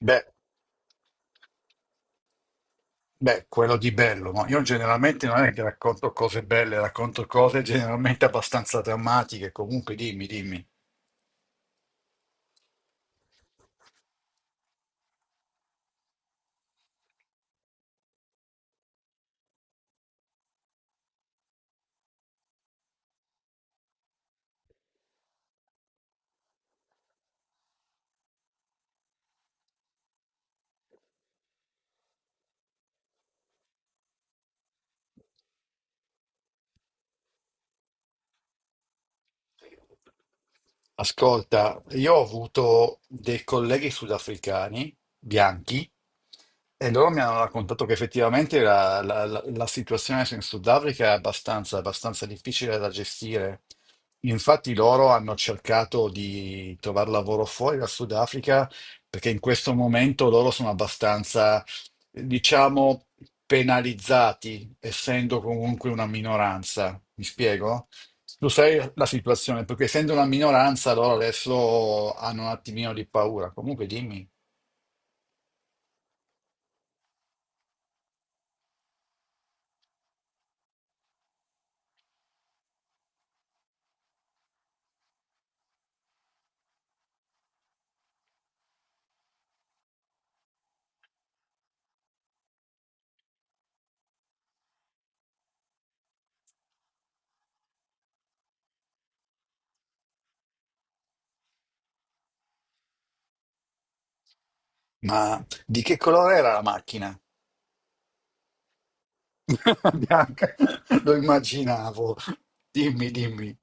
Beh, beh, quello di bello, ma io generalmente non è che racconto cose belle, racconto cose generalmente abbastanza drammatiche. Comunque, dimmi, dimmi. Ascolta, io ho avuto dei colleghi sudafricani bianchi e loro mi hanno raccontato che effettivamente la situazione in Sudafrica è abbastanza difficile da gestire. Infatti loro hanno cercato di trovare lavoro fuori dal Sudafrica perché in questo momento loro sono abbastanza, diciamo, penalizzati, essendo comunque una minoranza. Mi spiego? Lo sai la situazione, perché essendo una minoranza loro adesso hanno un attimino di paura. Comunque dimmi, ma di che colore era la macchina? Bianca, lo immaginavo. Dimmi, dimmi.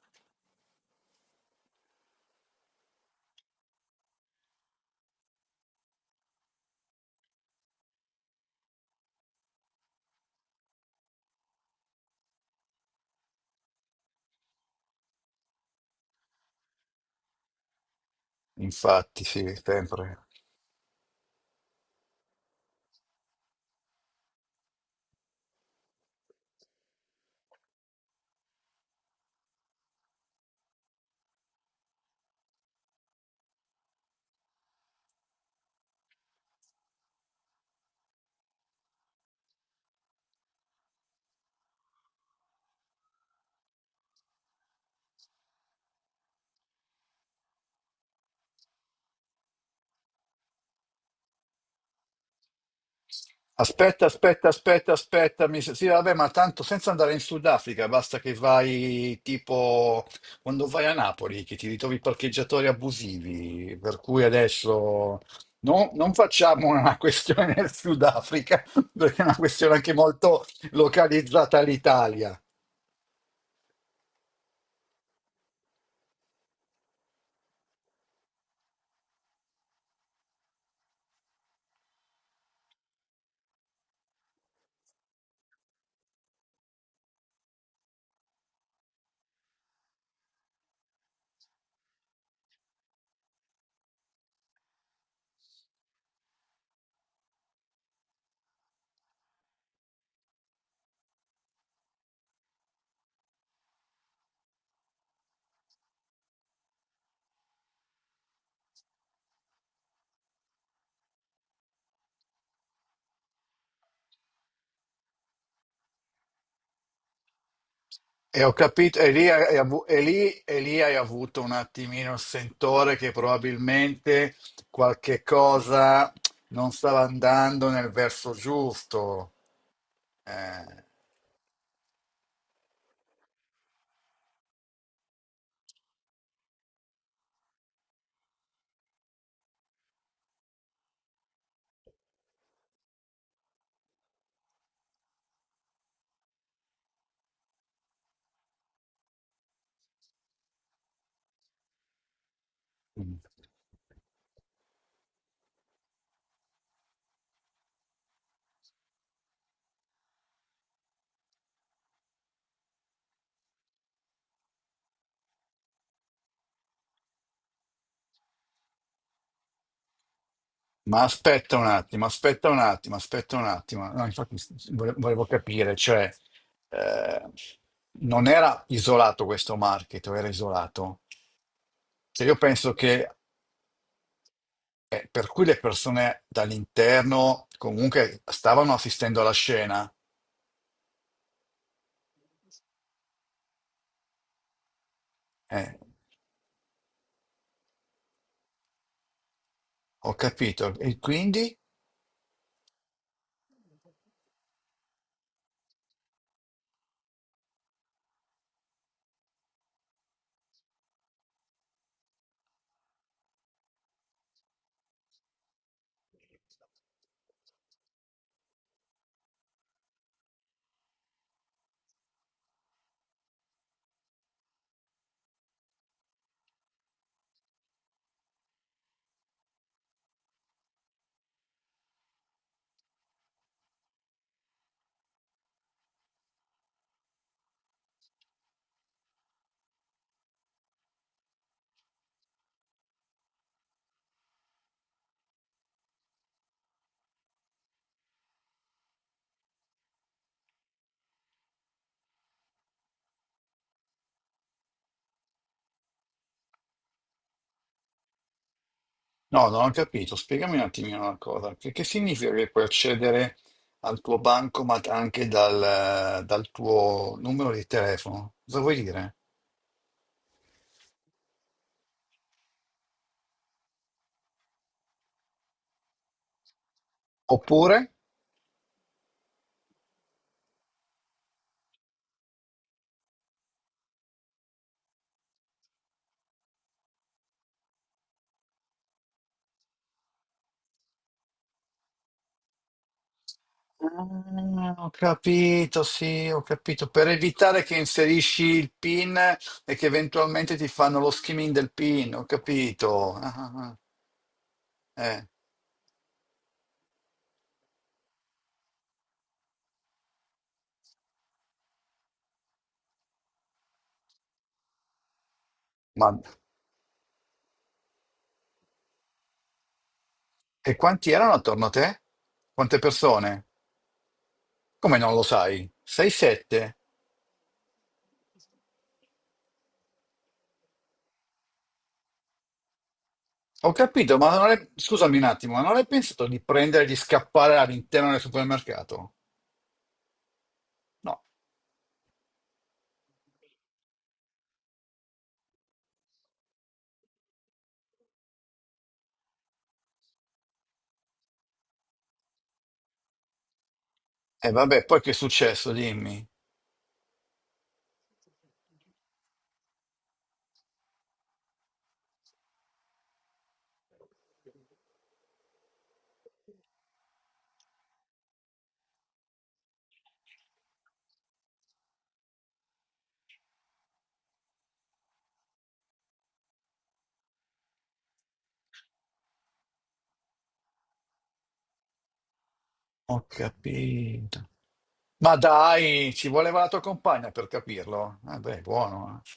Infatti, sì, sempre. Aspetta, aspetta, aspetta, aspetta. Sì, vabbè, ma tanto senza andare in Sudafrica, basta che vai tipo quando vai a Napoli, che ti ritrovi parcheggiatori abusivi. Per cui adesso non facciamo una questione del Sudafrica, perché è una questione anche molto localizzata all'Italia. E ho capito, e lì, e lì hai avuto un attimino il sentore che probabilmente qualche cosa non stava andando nel verso giusto. Eh, ma aspetta un attimo, aspetta un attimo, aspetta un attimo. No, infatti volevo capire, cioè, eh, non era isolato questo market, o era isolato? Cioè, io penso che per cui le persone dall'interno comunque stavano assistendo alla scena. Eh, ho capito. E quindi? No, non ho capito. Spiegami un attimino una cosa. Che significa che puoi accedere al tuo bancomat anche dal tuo numero di telefono? Cosa vuoi dire? Oppure? Ah, ho capito, sì, ho capito. Per evitare che inserisci il PIN e che eventualmente ti fanno lo skimming del PIN, ho capito. Ah, ah, ah. Eh, ma e quanti erano attorno a te? Quante persone? Come non lo sai? 6-7? Ho capito, ma non hai... scusami un attimo, ma non hai pensato di prendere e di scappare all'interno del supermercato? No. E vabbè, poi che è successo? Dimmi. Ho capito. Ma dai, ci voleva la tua compagna per capirlo. Eh beh, buono. Eh.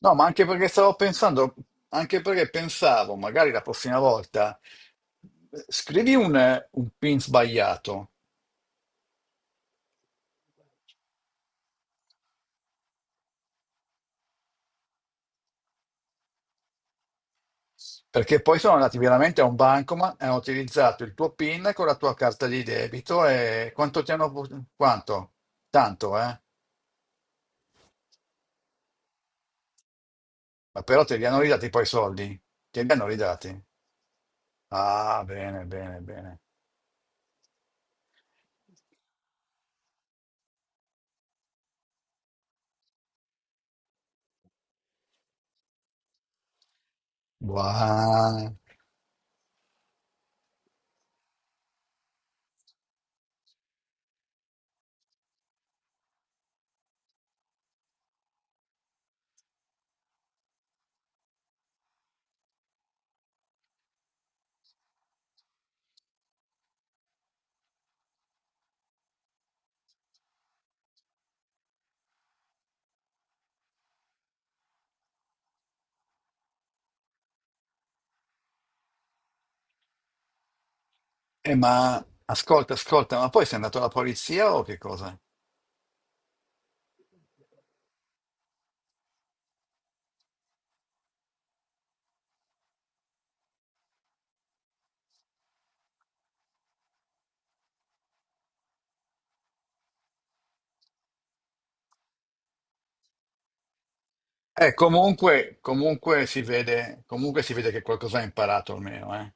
No, ma anche perché stavo pensando, anche perché pensavo, magari la prossima volta, scrivi un PIN sbagliato, perché poi sono andati veramente a un bancomat e hanno utilizzato il tuo PIN con la tua carta di debito e quanto ti hanno... Quanto? Tanto, eh? Ma però te li hanno ridati poi i soldi. Te li hanno ridati. Ah, bene, bene, bene. Buono. Ma ascolta, ascolta, ma poi sei andato alla polizia o che cosa? Comunque, comunque si vede che qualcosa ha imparato almeno, eh.